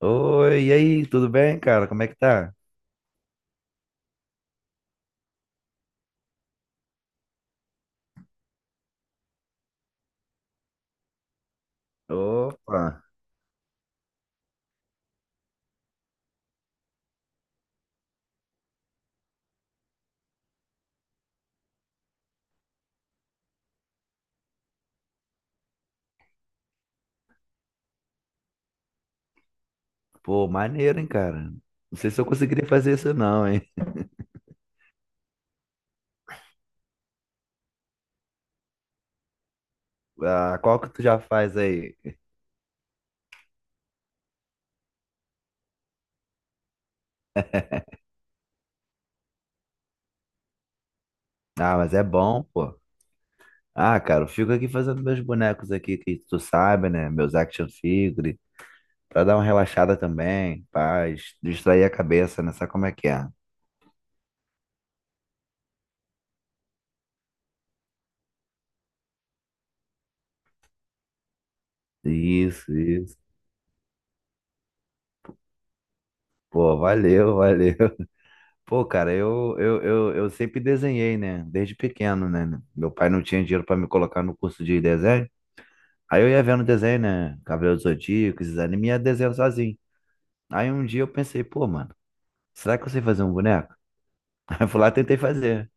Oi, e aí, tudo bem, cara? Como é que tá? Opa, pô, maneiro, hein, cara? Não sei se eu conseguiria fazer isso não, hein? Ah, qual que tu já faz aí? Ah, mas é bom, pô. Ah, cara, eu fico aqui fazendo meus bonecos aqui, que tu sabe, né? Meus action figure, pra dar uma relaxada também, paz, distrair a cabeça, né? Sabe como é que é? Isso, isso. Pô, valeu, valeu. Pô, cara, eu sempre desenhei, né? Desde pequeno, né? Meu pai não tinha dinheiro pra me colocar no curso de desenho. Aí eu ia vendo desenho, né? Cavaleiros do Zodíaco, esses animes, ia desenhando sozinho. Aí um dia eu pensei, pô, mano, será que eu sei fazer um boneco? Aí eu fui lá e tentei fazer.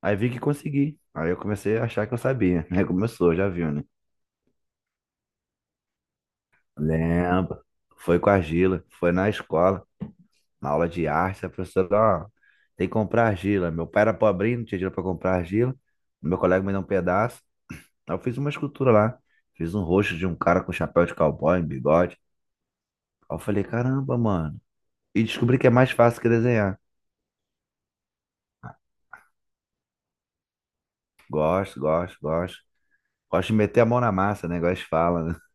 Aí vi que consegui. Aí eu comecei a achar que eu sabia. Aí começou, já viu, né? Lembra. Foi com a argila, foi na escola, na aula de arte, a professora, ó, tem que comprar argila. Meu pai era pobrinho, não tinha dinheiro pra comprar argila. Meu colega me deu um pedaço. Aí eu fiz uma escultura lá. Fiz um rosto de um cara com chapéu de cowboy, um bigode. Aí eu falei, caramba, mano. E descobri que é mais fácil que desenhar. Gosto, gosto, gosto. Gosto de meter a mão na massa, né? Gosto de fala, né?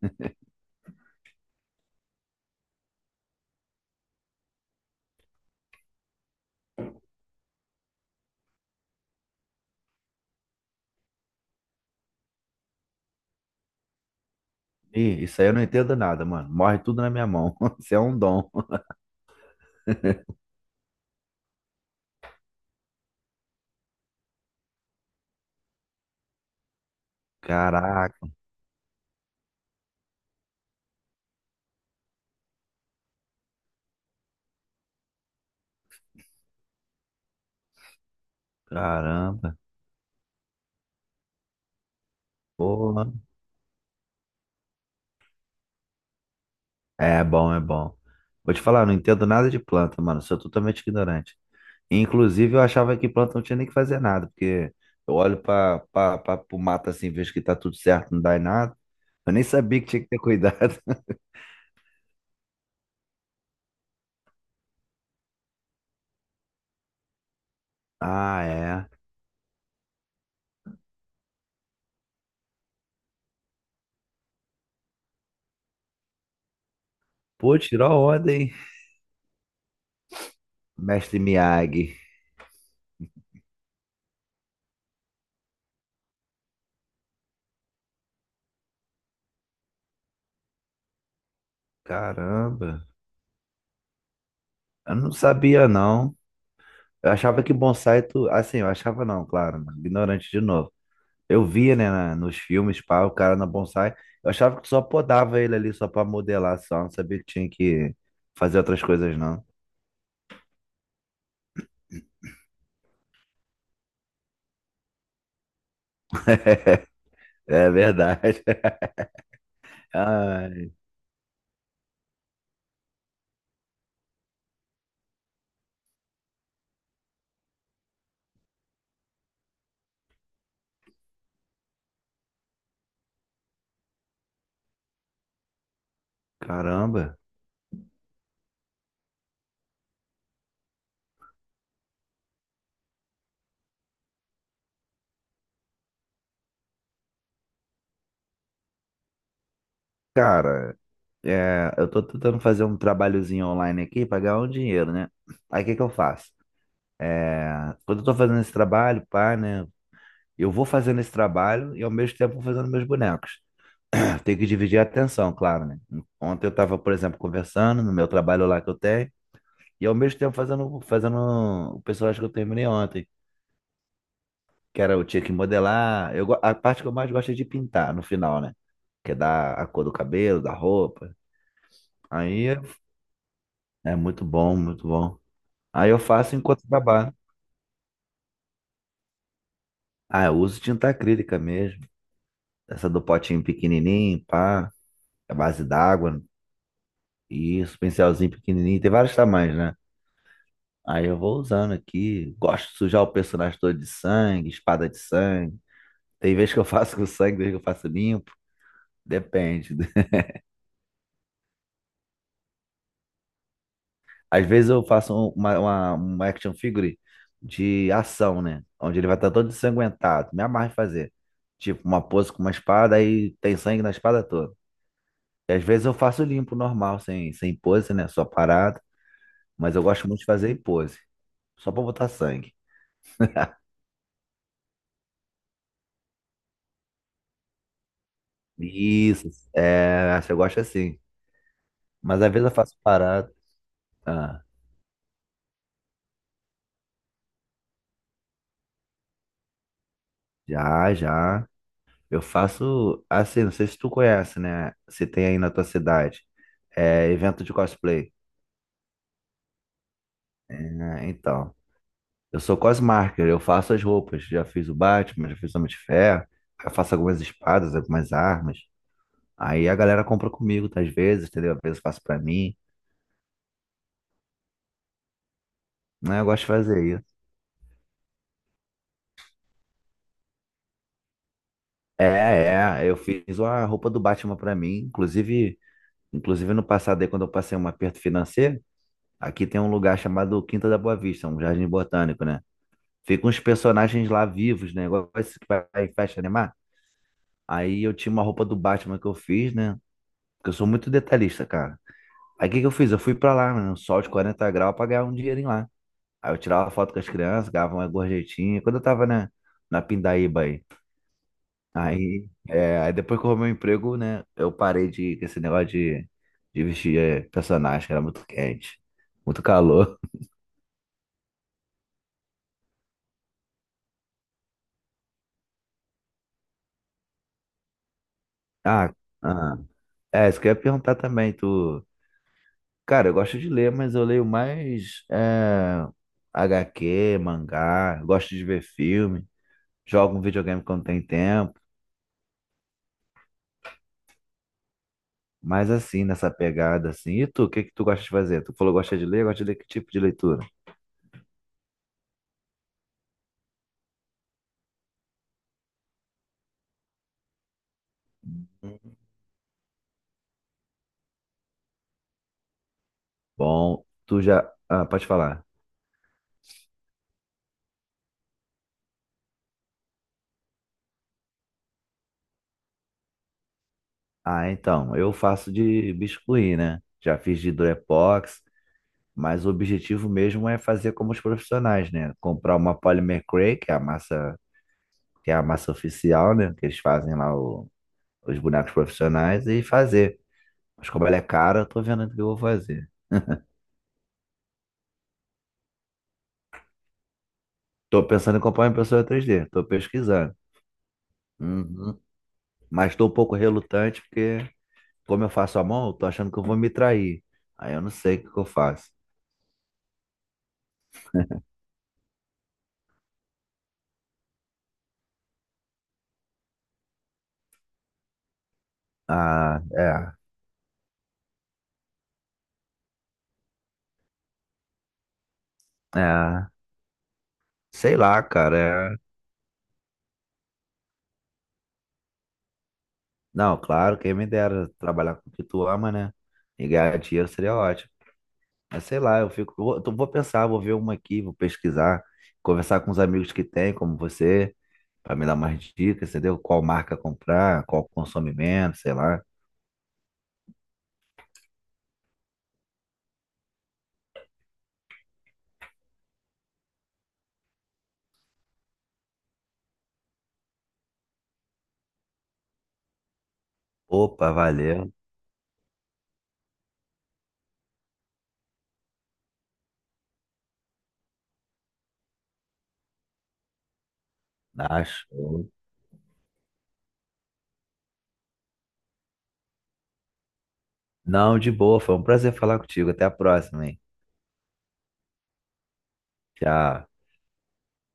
Ih, isso aí eu não entendo nada, mano. Morre tudo na minha mão. Isso é um dom. Caraca, caramba. Pô, mano. É bom, é bom. Vou te falar, eu não entendo nada de planta, mano. Sou totalmente ignorante. Inclusive, eu achava que planta não tinha nem que fazer nada, porque eu olho para o mato assim, vejo que tá tudo certo, não dá em nada. Eu nem sabia que tinha que ter cuidado. Ah, é. Pô, tirou a onda, hein? Mestre Miyagi. Caramba. Eu não sabia, não. Eu achava que bonsai tu. Assim, eu achava não, claro, né? Ignorante de novo. Eu via, né, nos filmes, pá, o cara na bonsai. Eu achava que tu só podava ele ali só pra modelar, só. Não sabia que tinha que fazer outras coisas, não. É verdade. Ai, caramba. Cara, é, eu tô tentando fazer um trabalhozinho online aqui pra ganhar um dinheiro, né? Aí o que que eu faço? É, quando eu tô fazendo esse trabalho, pá, né? Eu vou fazendo esse trabalho e ao mesmo tempo vou fazendo meus bonecos. Tem que dividir a atenção, claro, né? Ontem eu tava, por exemplo, conversando no meu trabalho lá que eu tenho e ao mesmo tempo fazendo o personagem que eu terminei ontem, que era eu tinha que modelar. Eu, a parte que eu mais gosto é de pintar no final, né? Que é dar a cor do cabelo, da roupa. Aí é é muito bom, muito bom. Aí eu faço enquanto trabalho. Ah, eu uso tinta acrílica mesmo. Essa do potinho pequenininho, pá, a base d'água. Isso, pincelzinho pequenininho. Tem vários tamanhos, né? Aí eu vou usando aqui. Gosto de sujar o personagem todo de sangue, espada de sangue. Tem vez que eu faço com sangue, tem vez que eu faço limpo. Depende. Às vezes eu faço uma um action figure de ação, né? Onde ele vai estar todo ensanguentado. Me amarra em fazer. Tipo, uma pose com uma espada e tem sangue na espada toda. E às vezes eu faço limpo, normal, sem pose, né? Só parado. Mas eu gosto muito de fazer em pose. Só pra botar sangue. Isso. É, você gosta assim. Mas às vezes eu faço parado. Ah, já, já. Eu faço assim, não sei se tu conhece, né? Se tem aí na tua cidade. É evento de cosplay. Né? Então. Eu sou cosmarker, eu faço as roupas. Já fiz o Batman, já fiz o Homem de Ferro, eu faço algumas espadas, algumas armas. Aí a galera compra comigo, tá, às vezes, entendeu? Às vezes eu faço pra mim. Né? Eu gosto de fazer isso. É, é, eu fiz a roupa do Batman pra mim. Inclusive, inclusive no passado aí, quando eu passei um aperto financeiro, aqui tem um lugar chamado Quinta da Boa Vista, um jardim botânico, né? Ficam uns personagens lá vivos, né? Igual esse que vai em festa animar. Aí eu tinha uma roupa do Batman que eu fiz, né? Porque eu sou muito detalhista, cara. Aí o que que eu fiz? Eu fui pra lá, mano, no sol de 40 graus pra ganhar um dinheirinho lá. Aí eu tirava foto com as crianças, ganhava uma gorjetinha. Quando eu tava, né, na Pindaíba aí. Aí, é, aí depois que eu arrumei o emprego, né, eu parei de, com esse negócio de vestir é, personagem, que era muito quente, muito calor. Ah, ah, é, isso que eu ia perguntar também, tu... Cara, eu gosto de ler, mas eu leio mais é, HQ, mangá, gosto de ver filme, jogo um videogame quando tem tempo. Mas assim, nessa pegada assim. E tu, o que que tu gosta de fazer? Tu falou que gosta de ler que tipo de leitura? Bom, tu já. Ah, pode falar. Ah, então, eu faço de biscuit, né? Já fiz de Durepox, mas o objetivo mesmo é fazer como os profissionais, né? Comprar uma Polymer Cray, que é a massa, que é a massa oficial, né? Que eles fazem lá os bonecos profissionais e fazer. Mas como ela é cara, eu tô vendo o que eu vou fazer. Tô pensando em comprar uma impressora 3D tô pesquisando. Uhum. Mas estou um pouco relutante porque, como eu faço a mão, eu tô achando que eu vou me trair. Aí eu não sei o que que eu faço. Ah, é, sei lá, cara. É... Não, claro, quem me dera trabalhar com o que tu ama, né? E ganhar dinheiro seria ótimo. Mas sei lá, eu fico, eu vou pensar, vou ver uma aqui, vou pesquisar, conversar com os amigos que tem, como você, para me dar mais dicas, entendeu? Qual marca comprar, qual consome menos, sei lá. Opa, valeu. Acho. Não, de boa, foi um prazer falar contigo. Até a próxima, hein? Tchau.